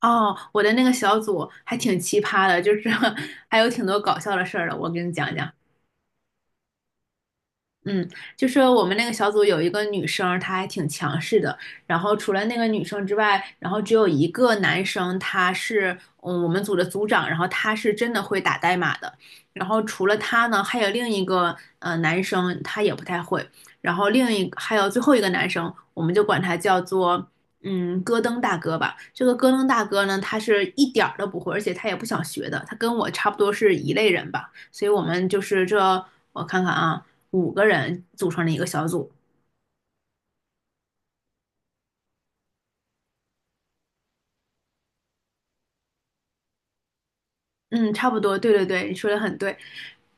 哦，我的那个小组还挺奇葩的，就是 还有挺多搞笑的事儿的，我给你讲讲。嗯，就是我们那个小组有一个女生，她还挺强势的。然后除了那个女生之外，然后只有一个男生，他是我们组的组长，然后他是真的会打代码的。然后除了他呢，还有另一个男生，他也不太会。然后还有最后一个男生，我们就管他叫做戈登大哥吧。这个戈登大哥呢，他是一点儿都不会，而且他也不想学的。他跟我差不多是一类人吧，所以我们就是我看看啊。五个人组成了一个小组。嗯，差不多，对对对，你说的很对。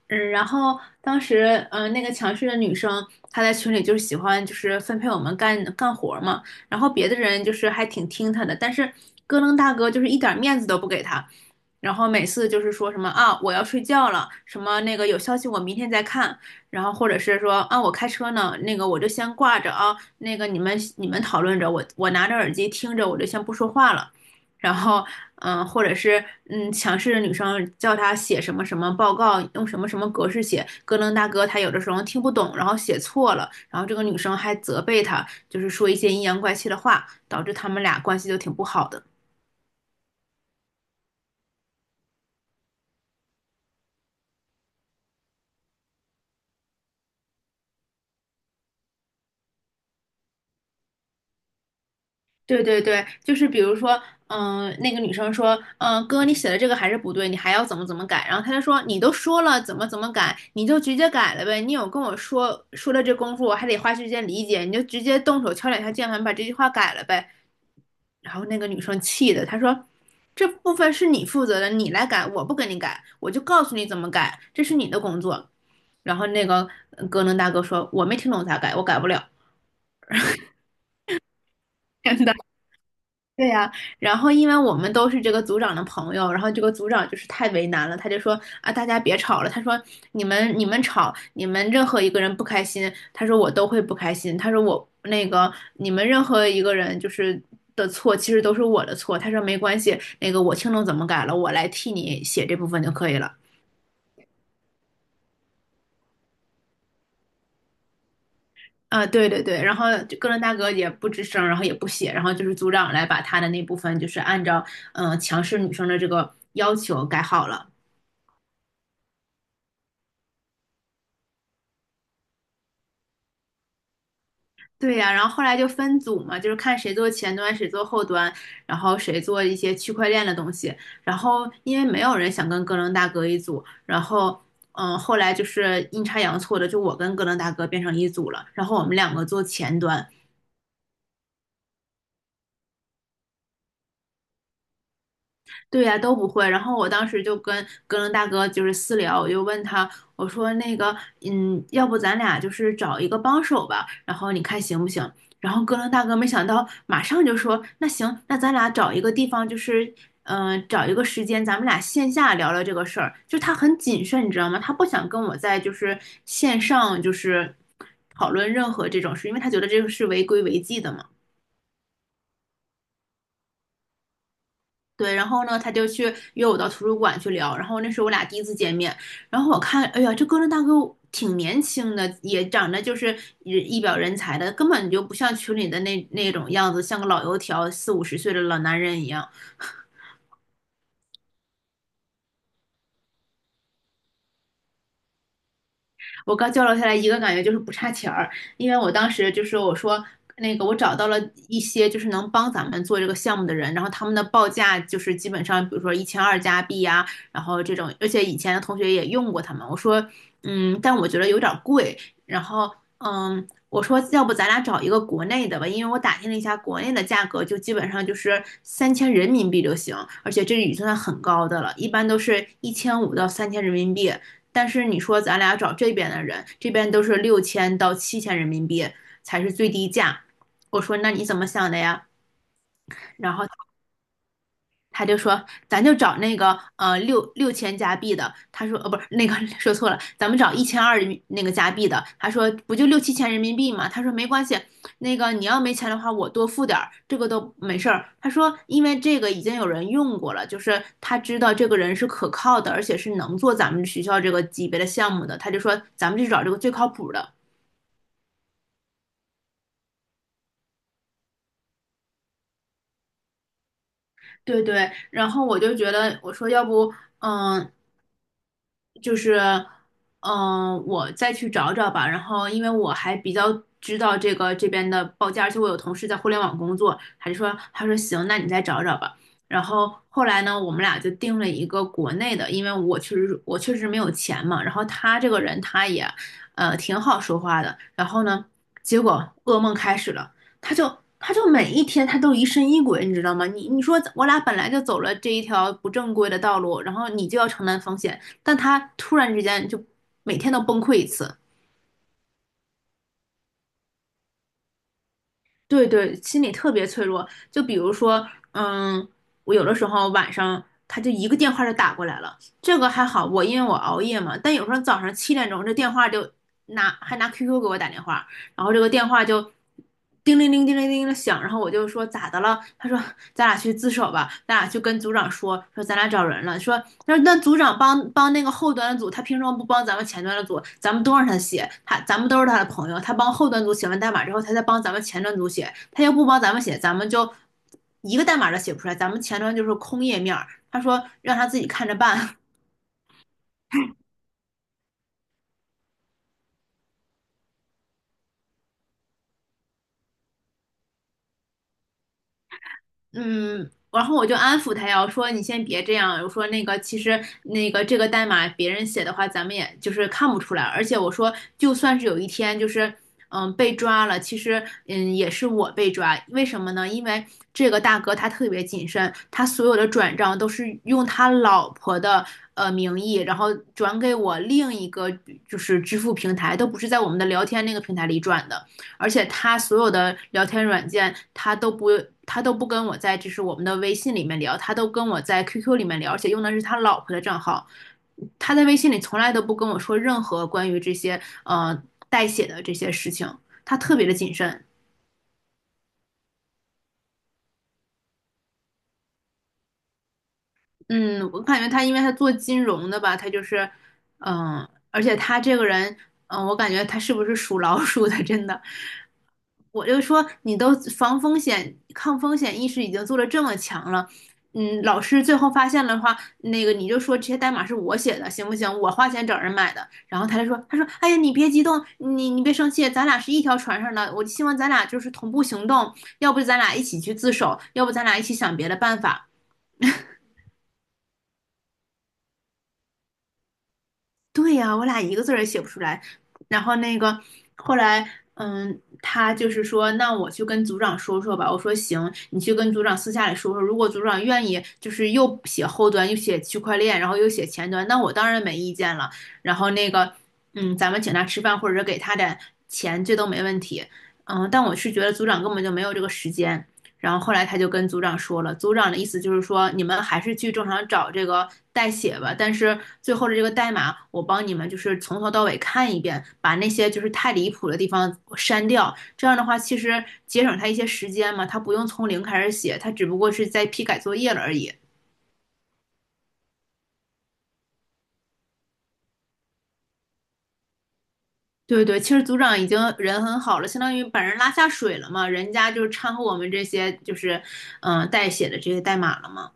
然后当时，那个强势的女生，她在群里就是喜欢就是分配我们干干活儿嘛，然后别的人就是还挺听她的，但是咯楞大哥就是一点面子都不给她，然后每次就是说什么啊我要睡觉了，什么那个有消息我明天再看，然后或者是说啊我开车呢，那个我就先挂着啊，那个你们讨论着，我拿着耳机听着，我就先不说话了。然后，或者是强势的女生叫他写什么什么报告，用什么什么格式写，咯楞大哥他有的时候听不懂，然后写错了，然后这个女生还责备他，就是说一些阴阳怪气的话，导致他们俩关系就挺不好的。对对对，就是比如说，那个女生说，哥，你写的这个还是不对，你还要怎么怎么改？然后他就说，你都说了怎么怎么改，你就直接改了呗，你有跟我说说了这功夫，我还得花时间理解，你就直接动手敲两下键盘把这句话改了呗。然后那个女生气的，她说：“这部分是你负责的，你来改，我不给你改，我就告诉你怎么改，这是你的工作。”然后那个格能大哥说：“我没听懂咋改，我改不了。对呀，然后因为我们都是这个组长的朋友，然后这个组长就是太为难了，他就说啊，大家别吵了。他说你们吵，你们任何一个人不开心，他说我都会不开心。他说我那个你们任何一个人就是的错，其实都是我的错。他说没关系，那个我听懂怎么改了，我来替你写这部分就可以了。啊，对对对，然后就个伦大哥也不吱声，然后也不写，然后就是组长来把他的那部分就是按照强势女生的这个要求改好了。对呀，然后后来就分组嘛，就是看谁做前端，谁做后端，然后谁做一些区块链的东西。然后因为没有人想跟哥伦大哥一组，然后后来就是阴差阳错的，就我跟哥伦大哥变成一组了。然后我们两个做前端，对呀、都不会。然后我当时就跟哥伦大哥就是私聊，我就问他，我说那个，要不咱俩就是找一个帮手吧，然后你看行不行？然后哥伦大哥没想到，马上就说，那行，那咱俩找一个地方，就是，找一个时间，咱们俩线下聊聊这个事儿。就他很谨慎，你知道吗？他不想跟我在就是线上就是讨论任何这种事，因为他觉得这个是违规违纪的嘛。对，然后呢，他就去约我到图书馆去聊，然后那是我俩第一次见面，然后我看，哎呀，这哥伦大哥挺年轻的，也长得就是一表人才的，根本就不像群里的那种样子，像个老油条，四五十岁的老男人一样。我刚交流下来一个感觉就是不差钱儿，因为我当时就是我说那个我找到了一些就是能帮咱们做这个项目的人，然后他们的报价就是基本上比如说1200加币呀，然后这种，而且以前的同学也用过他们，我说但我觉得有点儿贵，然后嗯。我说，要不咱俩找一个国内的吧，因为我打听了一下，国内的价格就基本上就是三千人民币就行，而且这已经算很高的了，一般都是1500到3000人民币。但是你说咱俩找这边的人，这边都是6000到7000人民币才是最低价。我说那你怎么想的呀？然后他就说，咱就找那个六千加币的。他说，不是那个 说错了，咱们找一千二那个加币的。他说，不就六七千人民币吗？他说没关系，那个你要没钱的话，我多付点儿，这个都没事儿。他说，因为这个已经有人用过了，就是他知道这个人是可靠的，而且是能做咱们学校这个级别的项目的。他就说，咱们就找这个最靠谱的。对对，然后我就觉得，我说要不，嗯、就是，我再去找找吧。然后，因为我还比较知道这个这边的报价，而且我有同事在互联网工作，他就说，他说行，那你再找找吧。然后后来呢，我们俩就定了一个国内的，因为我确实没有钱嘛。然后他这个人他也，挺好说话的。然后呢，结果噩梦开始了，他就。他就每一天他都疑神疑鬼，你知道吗？你说我俩本来就走了这一条不正规的道路，然后你就要承担风险，但他突然之间就每天都崩溃一次，对对，心理特别脆弱。就比如说，嗯，我有的时候晚上他就一个电话就打过来了，这个还好，我因为我熬夜嘛，但有时候早上7点钟这电话就拿 QQ 给我打电话，然后这个电话就叮铃铃叮铃铃的响，然后我就说咋的了？他说咱俩去自首吧，咱俩去跟组长说，说咱俩找人了，说那组长帮帮那个后端的组，他凭什么不帮咱们前端的组？咱们都让他写，咱们都是他的朋友，他帮后端组写完代码之后，他再帮咱们前端组写，他要不帮咱们写，咱们就一个代码都写不出来，咱们前端就是空页面他说让他自己看着办。嗯，然后我就安抚他呀，我说你先别这样，我说其实这个代码别人写的话，咱们也就是看不出来，而且我说就算是有一天就是被抓了，其实也是我被抓，为什么呢？因为这个大哥他特别谨慎，他所有的转账都是用他老婆的名义，然后转给我另一个就是支付平台，都不是在我们的聊天那个平台里转的。而且他所有的聊天软件，他都不他都不跟我在就是我们的微信里面聊，他都跟我在 QQ 里面聊，而且用的是他老婆的账号。他在微信里从来都不跟我说任何关于这些代写的这些事情，他特别的谨慎。嗯，我感觉他，因为他做金融的吧，他就是，嗯，而且他这个人，嗯，我感觉他是不是属老鼠的？真的，我就说你都防风险、抗风险意识已经做得这么强了，嗯，老师最后发现了的话，那个你就说这些代码是我写的，行不行？我花钱找人买的。然后他就说，他说，哎呀，你别激动，你别生气，咱俩是一条船上的，我希望咱俩就是同步行动，要不咱俩一起去自首，要不咱俩一起想别的办法。对呀，我俩一个字儿也写不出来。然后那个后来，嗯，他就是说，那我去跟组长说说吧。我说行，你去跟组长私下里说说。如果组长愿意，就是又写后端，又写区块链，然后又写前端，那我当然没意见了。然后那个，嗯，咱们请他吃饭，或者是给他点钱，这都没问题。嗯，但我是觉得组长根本就没有这个时间。然后后来他就跟组长说了，组长的意思就是说，你们还是去正常找这个代写吧，但是最后的这个代码，我帮你们就是从头到尾看一遍，把那些就是太离谱的地方删掉。这样的话，其实节省他一些时间嘛，他不用从零开始写，他只不过是在批改作业了而已。对对，其实组长已经人很好了，相当于把人拉下水了嘛，人家就是掺和我们这些就是，代写的这些代码了嘛。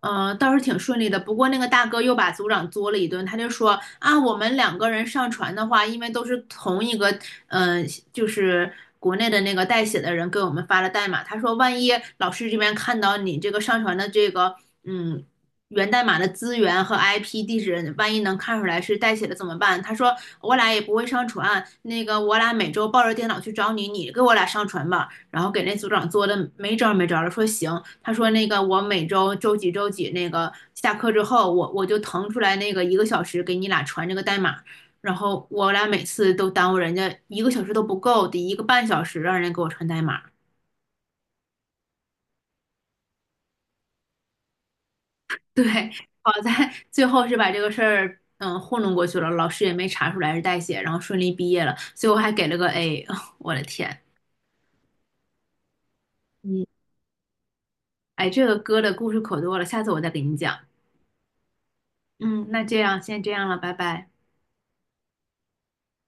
嗯，倒是挺顺利的。不过那个大哥又把组长作了一顿，他就说啊，我们两个人上传的话，因为都是同一个，嗯、就是国内的那个代写的人给我们发了代码。他说，万一老师这边看到你这个上传的这个，嗯。源代码的资源和 IP 地址，万一能看出来是代写的怎么办？他说我俩也不会上传，那个我俩每周抱着电脑去找你，你给我俩上传吧。然后给那组长做的没招没招的，说行，他说那个我每周周几周几那个下课之后，我就腾出来那个一个小时给你俩传这个代码，然后我俩每次都耽误人家一个小时都不够，得1个半小时让人给我传代码。对，好在最后是把这个事儿糊弄过去了，老师也没查出来是代写，然后顺利毕业了，最后还给了个 A，我的天，嗯，哎，这个歌的故事可多了，下次我再给你讲。嗯，那这样先这样了，拜拜。